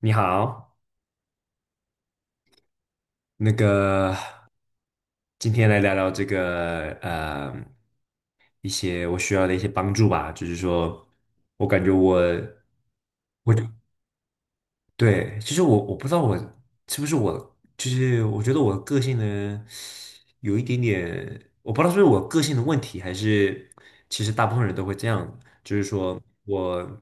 你好，那个今天来聊聊一些我需要的一些帮助吧，就是说我感觉我我就对。其实我不知道我是不是我，就是我觉得我个性呢有一点点，我不知道是不是我个性的问题，还是其实大部分人都会这样，就是说我，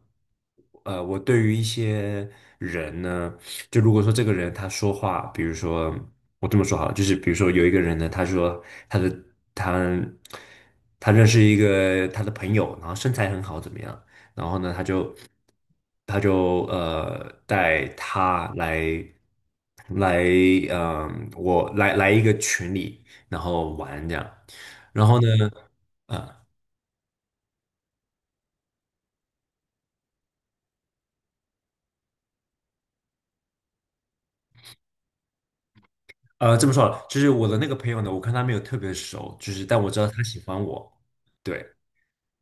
我对于一些人呢，就如果说这个人他说话，比如说我这么说好了，就是比如说有一个人呢，他说他的他他认识一个他的朋友，然后身材很好，怎么样？然后呢，他就带他来来嗯、我来来一个群里，然后玩这样。然后呢，这么说好了就是我的那个朋友呢，我看他没有特别熟，就是但我知道他喜欢我，对。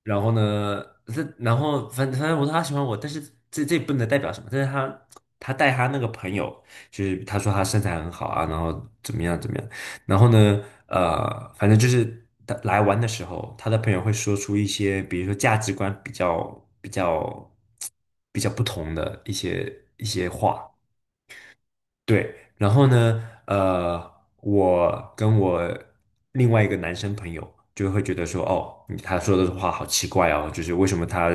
然后呢，然后反正我说他喜欢我，但是这也不能代表什么。但是他带他那个朋友，就是他说他身材很好啊，然后怎么样怎么样。然后呢，反正就是他来玩的时候，他的朋友会说出一些，比如说价值观比较不同的一些话。对，然后呢，我跟我另外一个男生朋友就会觉得说，哦，你他说的话好奇怪哦，就是为什么他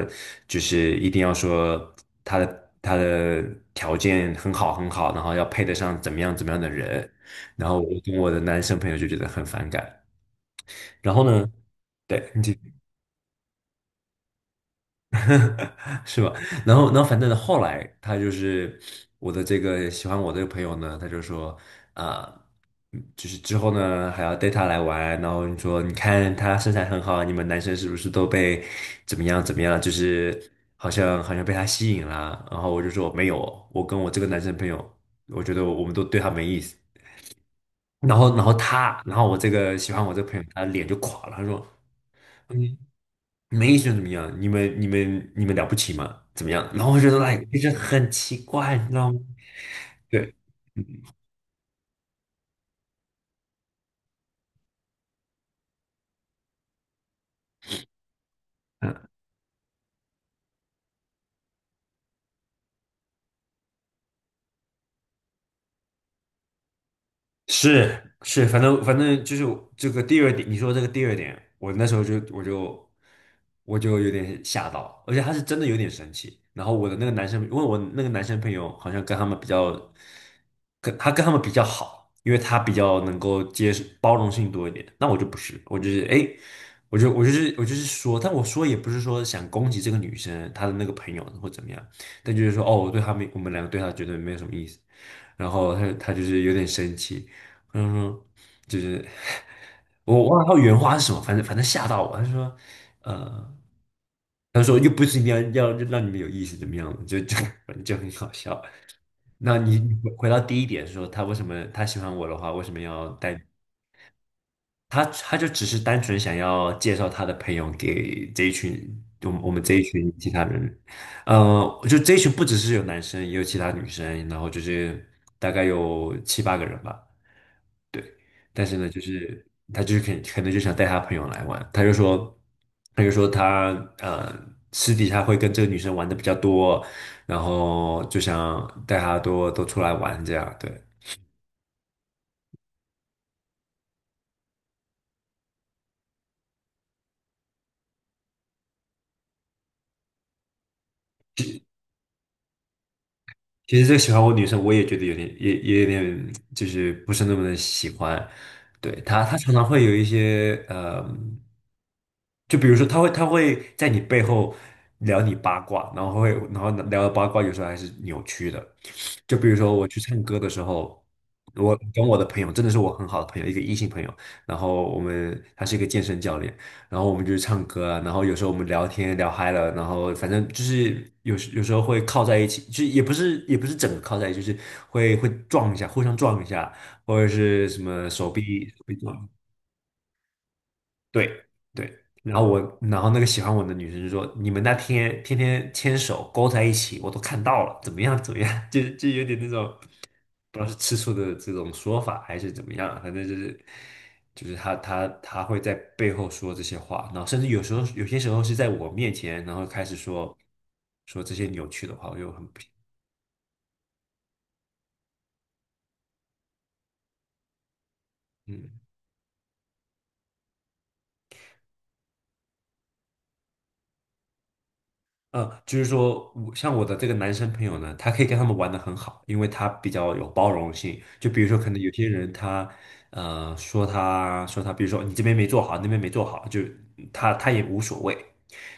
就是一定要说他的条件很好很好，然后要配得上怎么样怎么样的人，然后我跟我的男生朋友就觉得很反感。然后呢，对，你继续。是吧？然后，反正后来他就是我的这个喜欢我这个朋友呢，他就说啊、就是之后呢还要带他来玩，然后你说你看他身材很好，你们男生是不是都被怎么样怎么样？就是好像被他吸引了。然后我就说没有，我跟我这个男生朋友，我觉得我们都对他没意思。然后，然后他，然后我这个喜欢我这个朋友，他脸就垮了，他说。嗯没觉得怎么样？你们、你们、你们了不起吗？怎么样？然后我觉得 l i k 就是很奇怪，你知道吗？对，嗯，是是，反正就是这个第二点，你说这个第二点，我那时候就我就我就有点吓到，而且他是真的有点生气。然后我的那个男生，因为我那个男生朋友好像跟他们比较，跟他们比较好，因为他比较能够接受包容性多一点。那我就不是，我就是说，但我说也不是说想攻击这个女生她的那个朋友或怎么样，但就是说哦，我们两个对他绝对没有什么意思。然后他就是有点生气。嗯哼，就是我忘了他原话是什么，反正吓到我。他说，呃，他说又不是一定要让你们有意思怎么样的就 反正就很好笑。那你回到第一点说，他为什么他喜欢我的话，为什么要带他？他就只是单纯想要介绍他的朋友给这一群我们这一群其他人。就这一群不只是有男生，也有其他女生，然后就是大概有七八个人吧。对，但是呢，就是他就是可能就想带他朋友来玩，他就说他呃私底下会跟这个女生玩的比较多，然后就想带她多多出来玩这样，对。其实这个喜欢我女生，我也觉得有点，也有点，就是不是那么的喜欢。对她，她常常会有一些，就比如说，她会在你背后聊你八卦，然后然后聊的八卦有时候还是扭曲的。就比如说我去唱歌的时候，我跟我的朋友，真的是我很好的朋友，一个异性朋友，然后他是一个健身教练，然后我们就唱歌啊，然后有时候我们聊天聊嗨了，然后反正就是有时候会靠在一起，就也不是整个靠在一起，就是会撞一下，互相撞一下，或者是什么手臂撞，对对。然后然后那个喜欢我的女生就说："你们那天天天牵手勾在一起，我都看到了，怎么样怎么样？" 就就有点那种，不知道是吃醋的这种说法还是怎么样，反正就是就是他他会在背后说这些话，然后甚至有时候是在我面前，然后开始说这些扭曲的话，我就很不，嗯。就是说我像我的这个男生朋友呢，他可以跟他们玩的很好，因为他比较有包容性。就比如说，可能有些人他，呃，说他说他，比如说你这边没做好，那边没做好，就他也无所谓。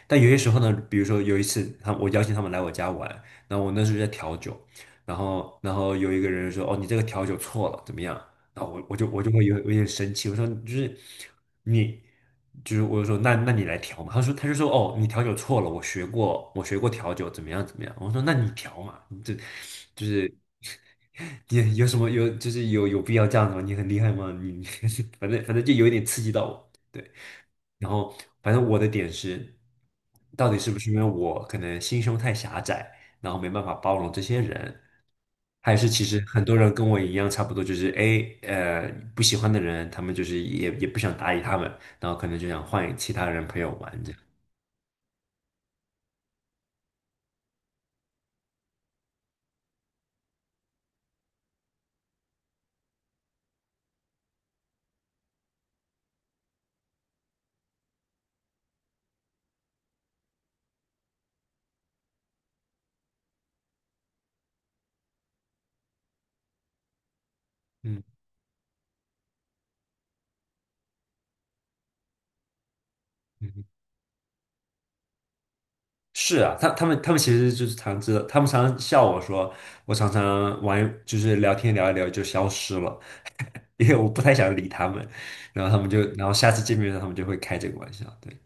但有些时候呢，比如说有一次我邀请他们来我家玩，然后我那时候在调酒，然后有一个人说，哦，你这个调酒错了，怎么样？然后我就会有点生气，我说就是你，我就说那你来调嘛，他就说哦你调酒错了，我学过调酒怎么样怎么样，我说那你调嘛，你这就是你有什么有就是有有必要这样子吗？你很厉害吗？你 反正就有一点刺激到我，对，然后反正我的点是，到底是不是因为我可能心胸太狭窄，然后没办法包容这些人，还是其实很多人跟我一样，差不多就是不喜欢的人，他们就是也不想搭理他们，然后可能就想换其他人陪我玩这样。嗯嗯，是啊，他他们其实就是常知道，他们常常笑我说，我常常玩就是聊天聊一聊就消失了，因为我不太想理他们，然后他们然后下次见面的时候他们就会开这个玩笑，对，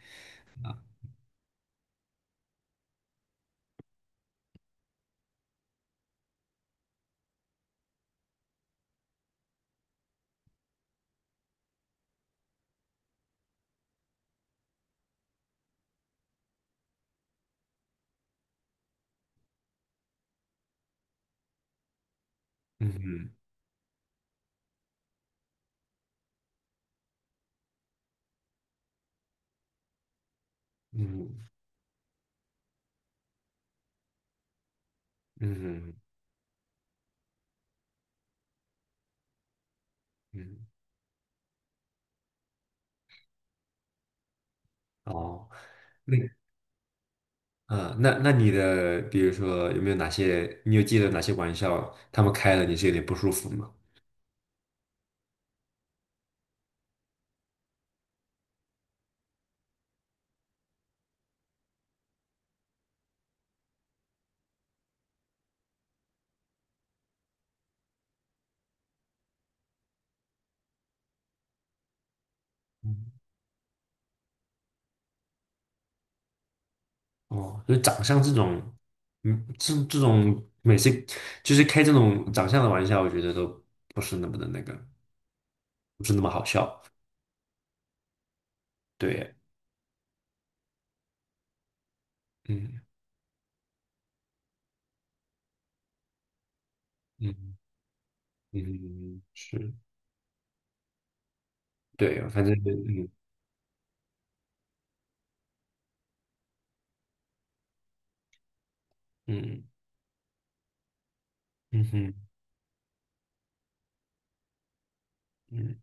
嗯嗯嗯嗯嗯，哦。那你的，比如说有没有哪些，你有记得哪些玩笑他们开了你是有点不舒服吗？嗯。哦，就是长相这种，嗯，这种每次就是开这种长相的玩笑，我觉得都不是那么的不是那么好笑。对，嗯嗯嗯，嗯嗯，是，对，反正嗯嗯嗯哼嗯。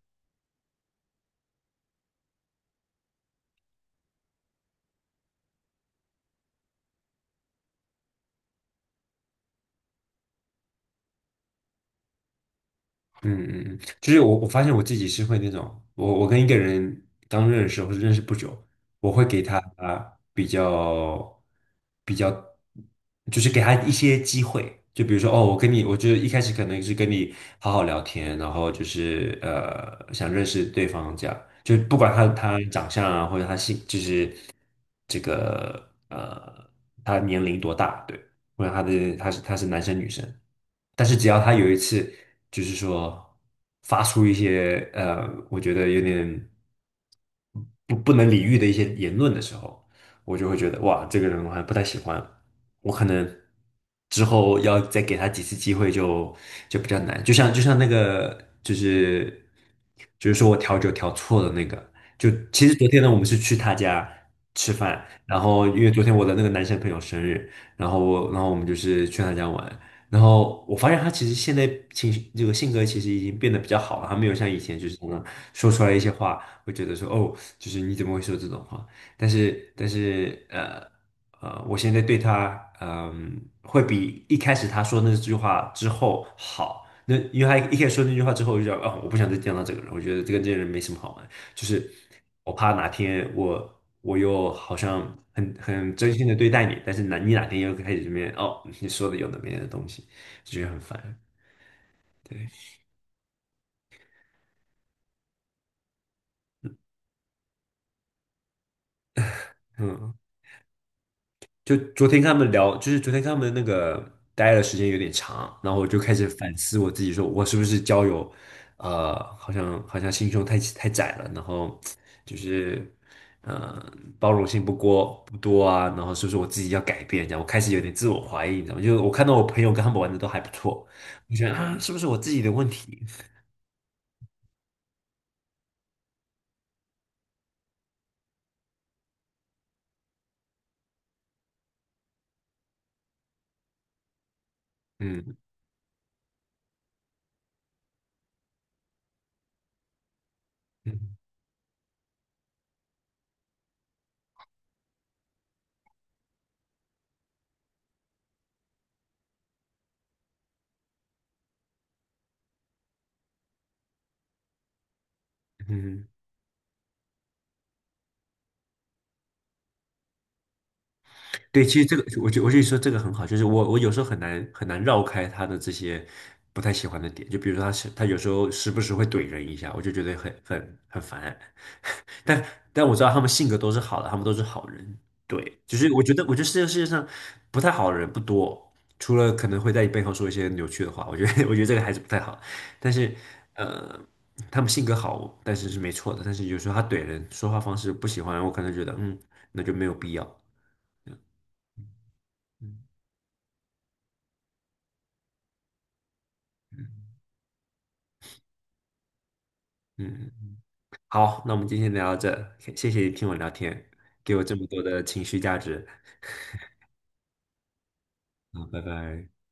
嗯嗯嗯，就是我发现我自己是会那种，我跟一个人刚认识或者认识不久，我会给他啊比较，比较，就是给他一些机会，就比如说哦，我跟你，我就一开始可能是跟你好好聊天，然后就是呃想认识对方这样，就不管他长相啊或者就是这个他年龄多大，对，或者他是男生女生。但是只要他有一次，就是说发出一些呃，我觉得有点不能理喻的一些言论的时候，我就会觉得哇，这个人我还不太喜欢，我可能之后要再给他几次机会就比较难。就像就是说我调酒调错了那个，就其实昨天呢，我们是去他家吃饭，然后因为昨天我的那个男生朋友生日，然后我们就是去他家玩。然后我发现他其实现在情绪这个性格其实已经变得比较好了，他没有像以前就是常常说出来一些话，会觉得说哦，就是你怎么会说这种话？但是我现在对他会比一开始他说那句话之后好。那因为他一开始说那句话之后，我就觉得哦，我不想再见到这个人，我觉得跟这个人没什么好玩。就是我怕哪天我又好像很真心的对待你，但是你哪天又开始这边哦，你说的有的没的东西，就觉得很烦。对，嗯就昨天跟他们聊，就是昨天跟他们那个待的时间有点长，然后我就开始反思我自己，说我是不是交友，好像心胸太窄了，然后就是呃包容性不多啊，然后是不是我自己要改变？这样我开始有点自我怀疑，你知道吗？就是我看到我朋友跟他们玩的都还不错，我觉得啊，是不是我自己的问题？嗯嗯嗯。对，其实这个我就说这个很好，就是我有时候很难很难绕开他的这些不太喜欢的点，就比如说他有时候时不时会怼人一下，我就觉得很很很烦。但我知道他们性格都是好的，他们都是好人。对，就是我觉得我觉得这个世界上不太好的人不多，除了可能会在你背后说一些扭曲的话，我觉得 我觉得这个还是不太好。但是呃，他们性格好，但是是没错的。但是有时候他怼人说话方式不喜欢，我可能觉得嗯，那就没有必要。嗯嗯。好，那我们今天聊到这，谢谢你听我聊天，给我这么多的情绪价值。好，拜拜。